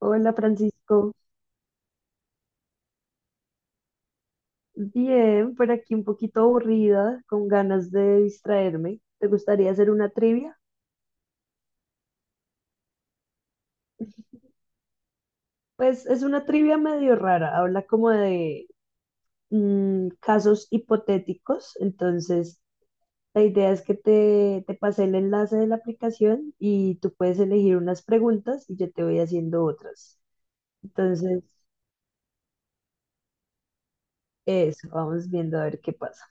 Hola, Francisco, bien, por aquí un poquito aburrida, con ganas de distraerme. ¿Te gustaría hacer una trivia? Pues es una trivia medio rara, habla como de casos hipotéticos, entonces la idea es que te pase el enlace de la aplicación y tú puedes elegir unas preguntas y yo te voy haciendo otras. Entonces, eso, vamos viendo a ver qué pasa.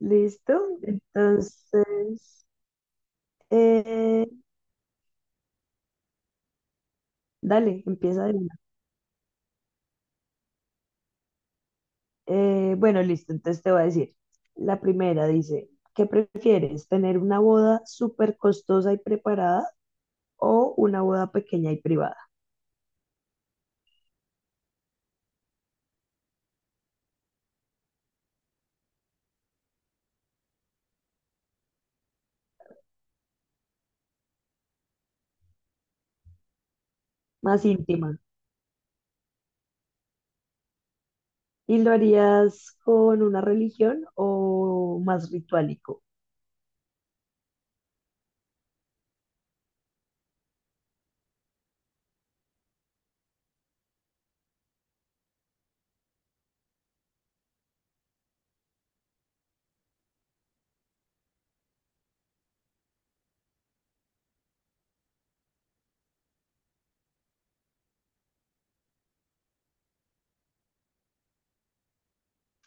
¿Listo? Entonces, eh, dale, empieza de una. Bueno, listo, entonces te voy a decir. La primera dice, ¿qué prefieres? ¿Tener una boda súper costosa y preparada o una boda pequeña y privada? Más íntima. ¿Y lo harías con una religión o más ritualico?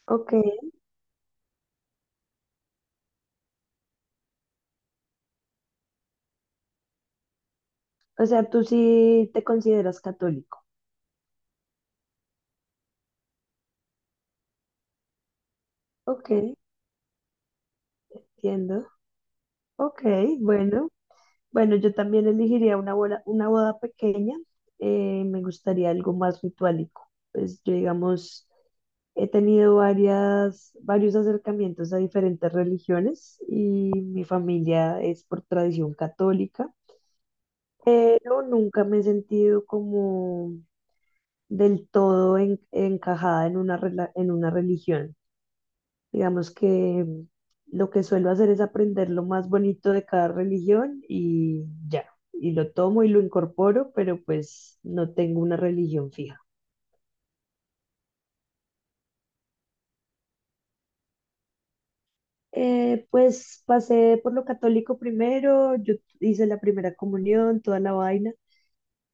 Ok, o sea, ¿tú sí te consideras católico? Ok, entiendo. Ok, bueno, bueno, yo también elegiría una boda pequeña. Me gustaría algo más ritualico. Pues yo, digamos, he tenido varias, varios acercamientos a diferentes religiones y mi familia es por tradición católica, pero nunca me he sentido como del todo encajada en una, en una religión. Digamos que lo que suelo hacer es aprender lo más bonito de cada religión y ya, y lo tomo y lo incorporo, pero pues no tengo una religión fija. Pues pasé por lo católico primero, yo hice la primera comunión, toda la vaina,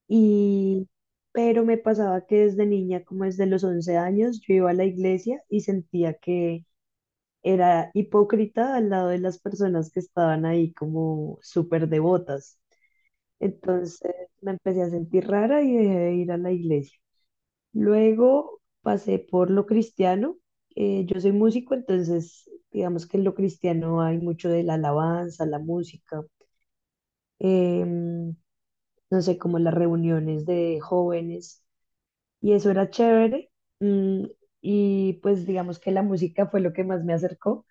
y pero me pasaba que desde niña, como desde los 11 años, yo iba a la iglesia y sentía que era hipócrita al lado de las personas que estaban ahí como súper devotas. Entonces me empecé a sentir rara y dejé de ir a la iglesia. Luego pasé por lo cristiano. Yo soy músico, entonces digamos que en lo cristiano hay mucho de la alabanza, la música, em, no sé, como las reuniones de jóvenes. Y eso era chévere. mm, y pues digamos que la música fue lo que más me acercó.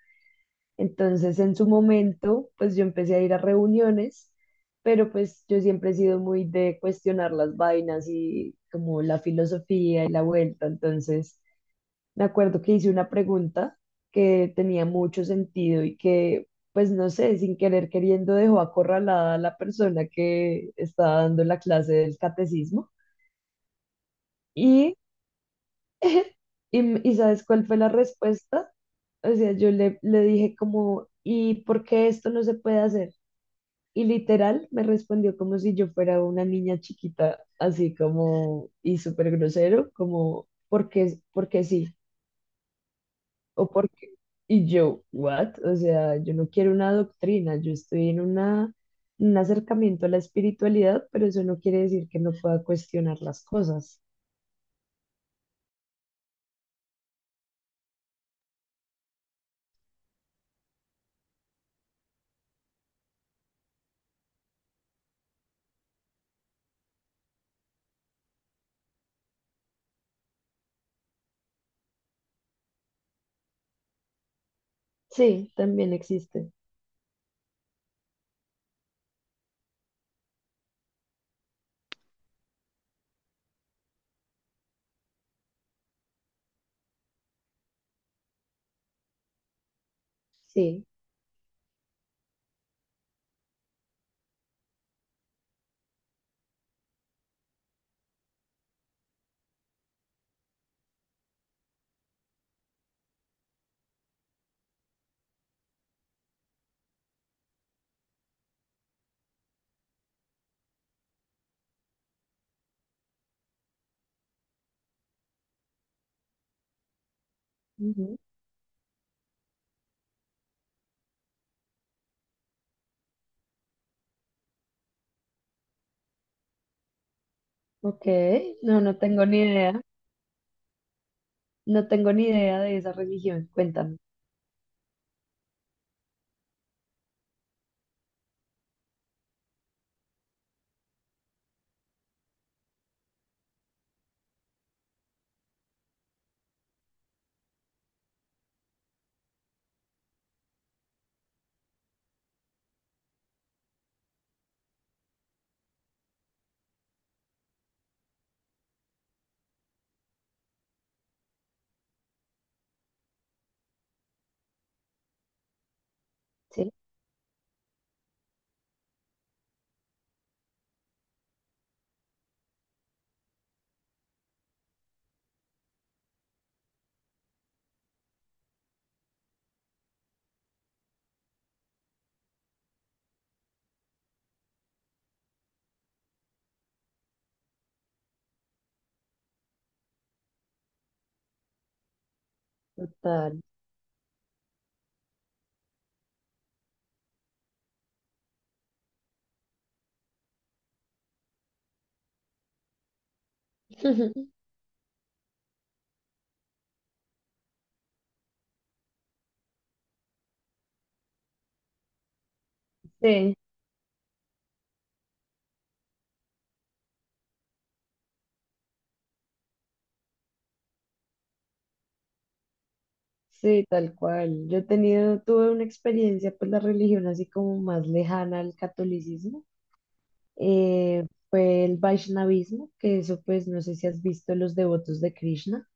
Entonces, en su momento, pues yo empecé a ir a reuniones, pero pues yo siempre he sido muy de cuestionar las vainas y como la filosofía y la vuelta. Entonces, me acuerdo que hice una pregunta que tenía mucho sentido y que, pues no sé, sin querer queriendo dejó acorralada a la persona que estaba dando la clase del catecismo. Y, y ¿sabes cuál fue la respuesta? O sea, yo le, le dije como, ¿y por qué esto no se puede hacer? Y literal me respondió como si yo fuera una niña chiquita, así como, y súper grosero, como, porque, porque sí, o porque, y yo, what? O sea, yo no quiero una doctrina, yo estoy en una, un acercamiento a la espiritualidad, pero eso no quiere decir que no pueda cuestionar las cosas. Sí, también existe. Sí. Ujú. Ok. No, no tengo ni idea. No tengo ni idea de esa religión, cuéntame. Sí. Total. Sí, sí, tal cual. Yo he tenido, tuve una experiencia, pues la religión así como más lejana al catolicismo, fue el Vaishnavismo, que eso pues no sé si has visto los devotos de Krishna.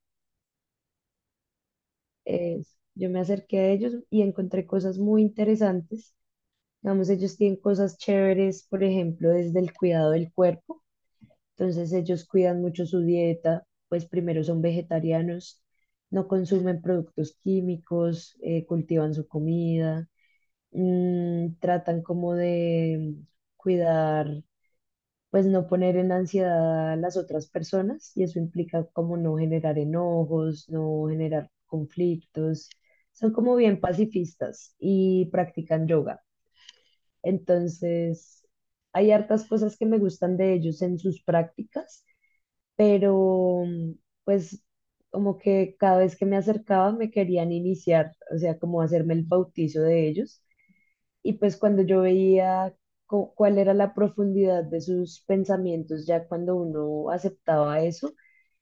Eh, yo me acerqué a ellos y encontré cosas muy interesantes. Digamos, ellos tienen cosas chéveres, por ejemplo, desde el cuidado del cuerpo. Entonces ellos cuidan mucho su dieta, pues primero son vegetarianos, no consumen productos químicos, cultivan su comida, tratan como de cuidar, pues no poner en ansiedad a las otras personas y eso implica como no generar enojos, no generar conflictos. Son como bien pacifistas y practican yoga. Entonces, hay hartas cosas que me gustan de ellos en sus prácticas, pero pues como que cada vez que me acercaba me querían iniciar, o sea, como hacerme el bautizo de ellos. Y pues cuando yo veía cuál era la profundidad de sus pensamientos, ya cuando uno aceptaba eso,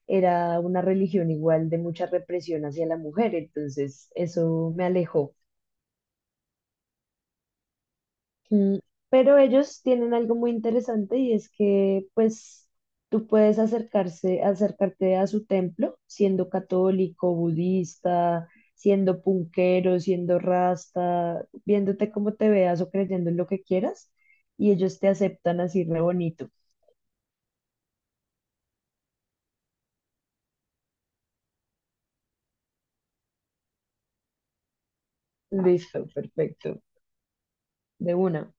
era una religión igual de mucha represión hacia la mujer. Entonces eso me alejó. Mm, Pero ellos tienen algo muy interesante y es que pues tú puedes acercarse, acercarte a su templo siendo católico, budista, siendo punquero, siendo rasta, viéndote como te veas o creyendo en lo que quieras y ellos te aceptan así re bonito. Listo, perfecto, de una.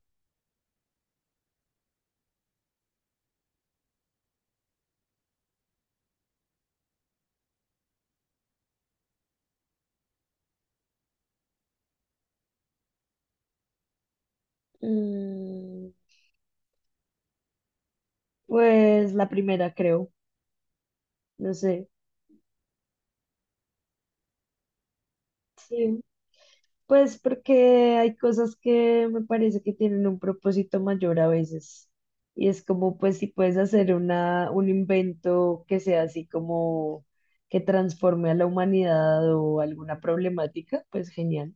Mm, Pues la primera creo, no sé. Sí. Pues porque hay cosas que me parece que tienen un propósito mayor a veces. Y es como, pues, si puedes hacer una, un invento que sea así como que transforme a la humanidad o alguna problemática, pues genial,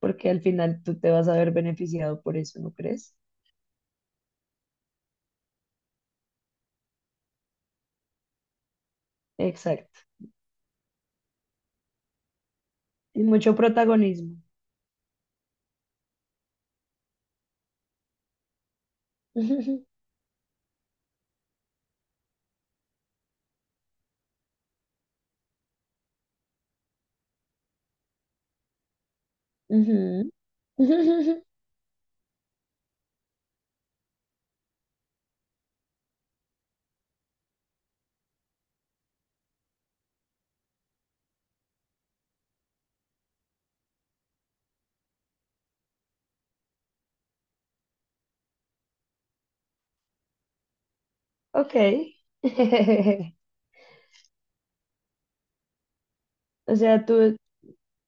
porque al final tú te vas a ver beneficiado por eso, ¿no crees? Exacto. Y mucho protagonismo. Ujú. Ok. O sea, tú,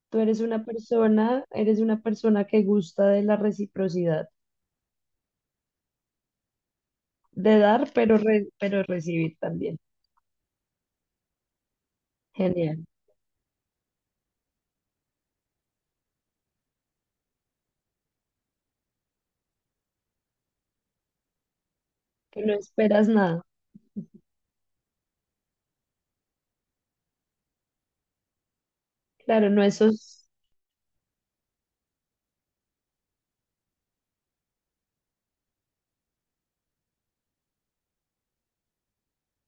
Tú eres una persona que gusta de la reciprocidad, de dar, pero, pero recibir también. Genial. Que no esperas nada. Claro, no esos.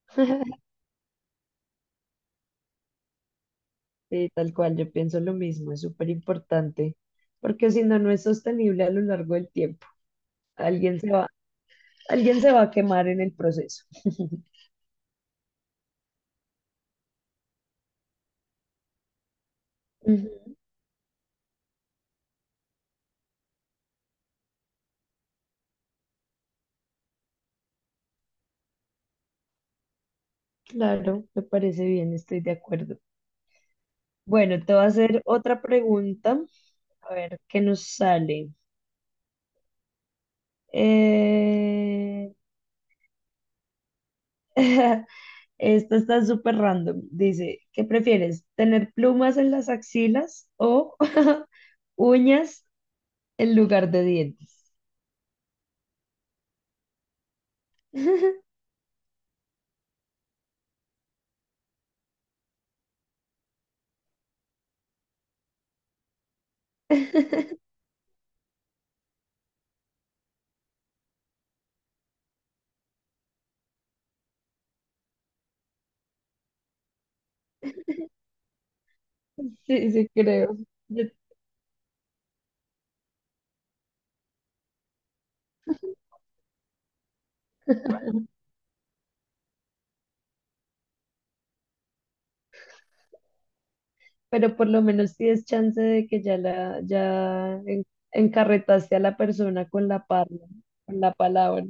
Sí, tal cual, yo pienso lo mismo, es súper importante, porque si no, no es sostenible a lo largo del tiempo. Alguien se va, alguien se va a quemar en el proceso. Ujú, claro, me parece bien, estoy de acuerdo. Bueno, te voy a hacer otra pregunta, a ver qué nos sale. Eh, esto está súper random. Dice, ¿qué prefieres? ¿Tener plumas en las axilas o uñas en lugar de dientes? Sí, sí, creo. Yo- pero por lo menos tienes chance de que ya la, encarretaste a la persona con la parla, con la palabra.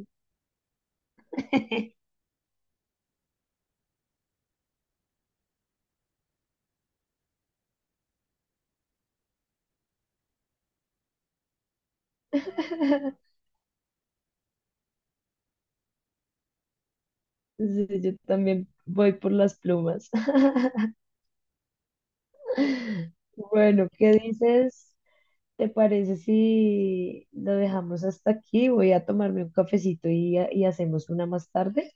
Sí, yo también voy por las plumas. Bueno, ¿qué dices? ¿Te parece si lo dejamos hasta aquí? Voy a tomarme un cafecito y hacemos una más tarde.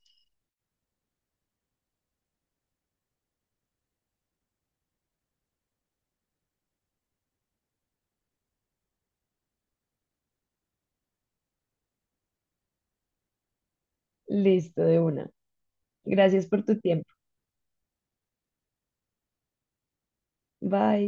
Listo, de una. Gracias por tu tiempo. Bye.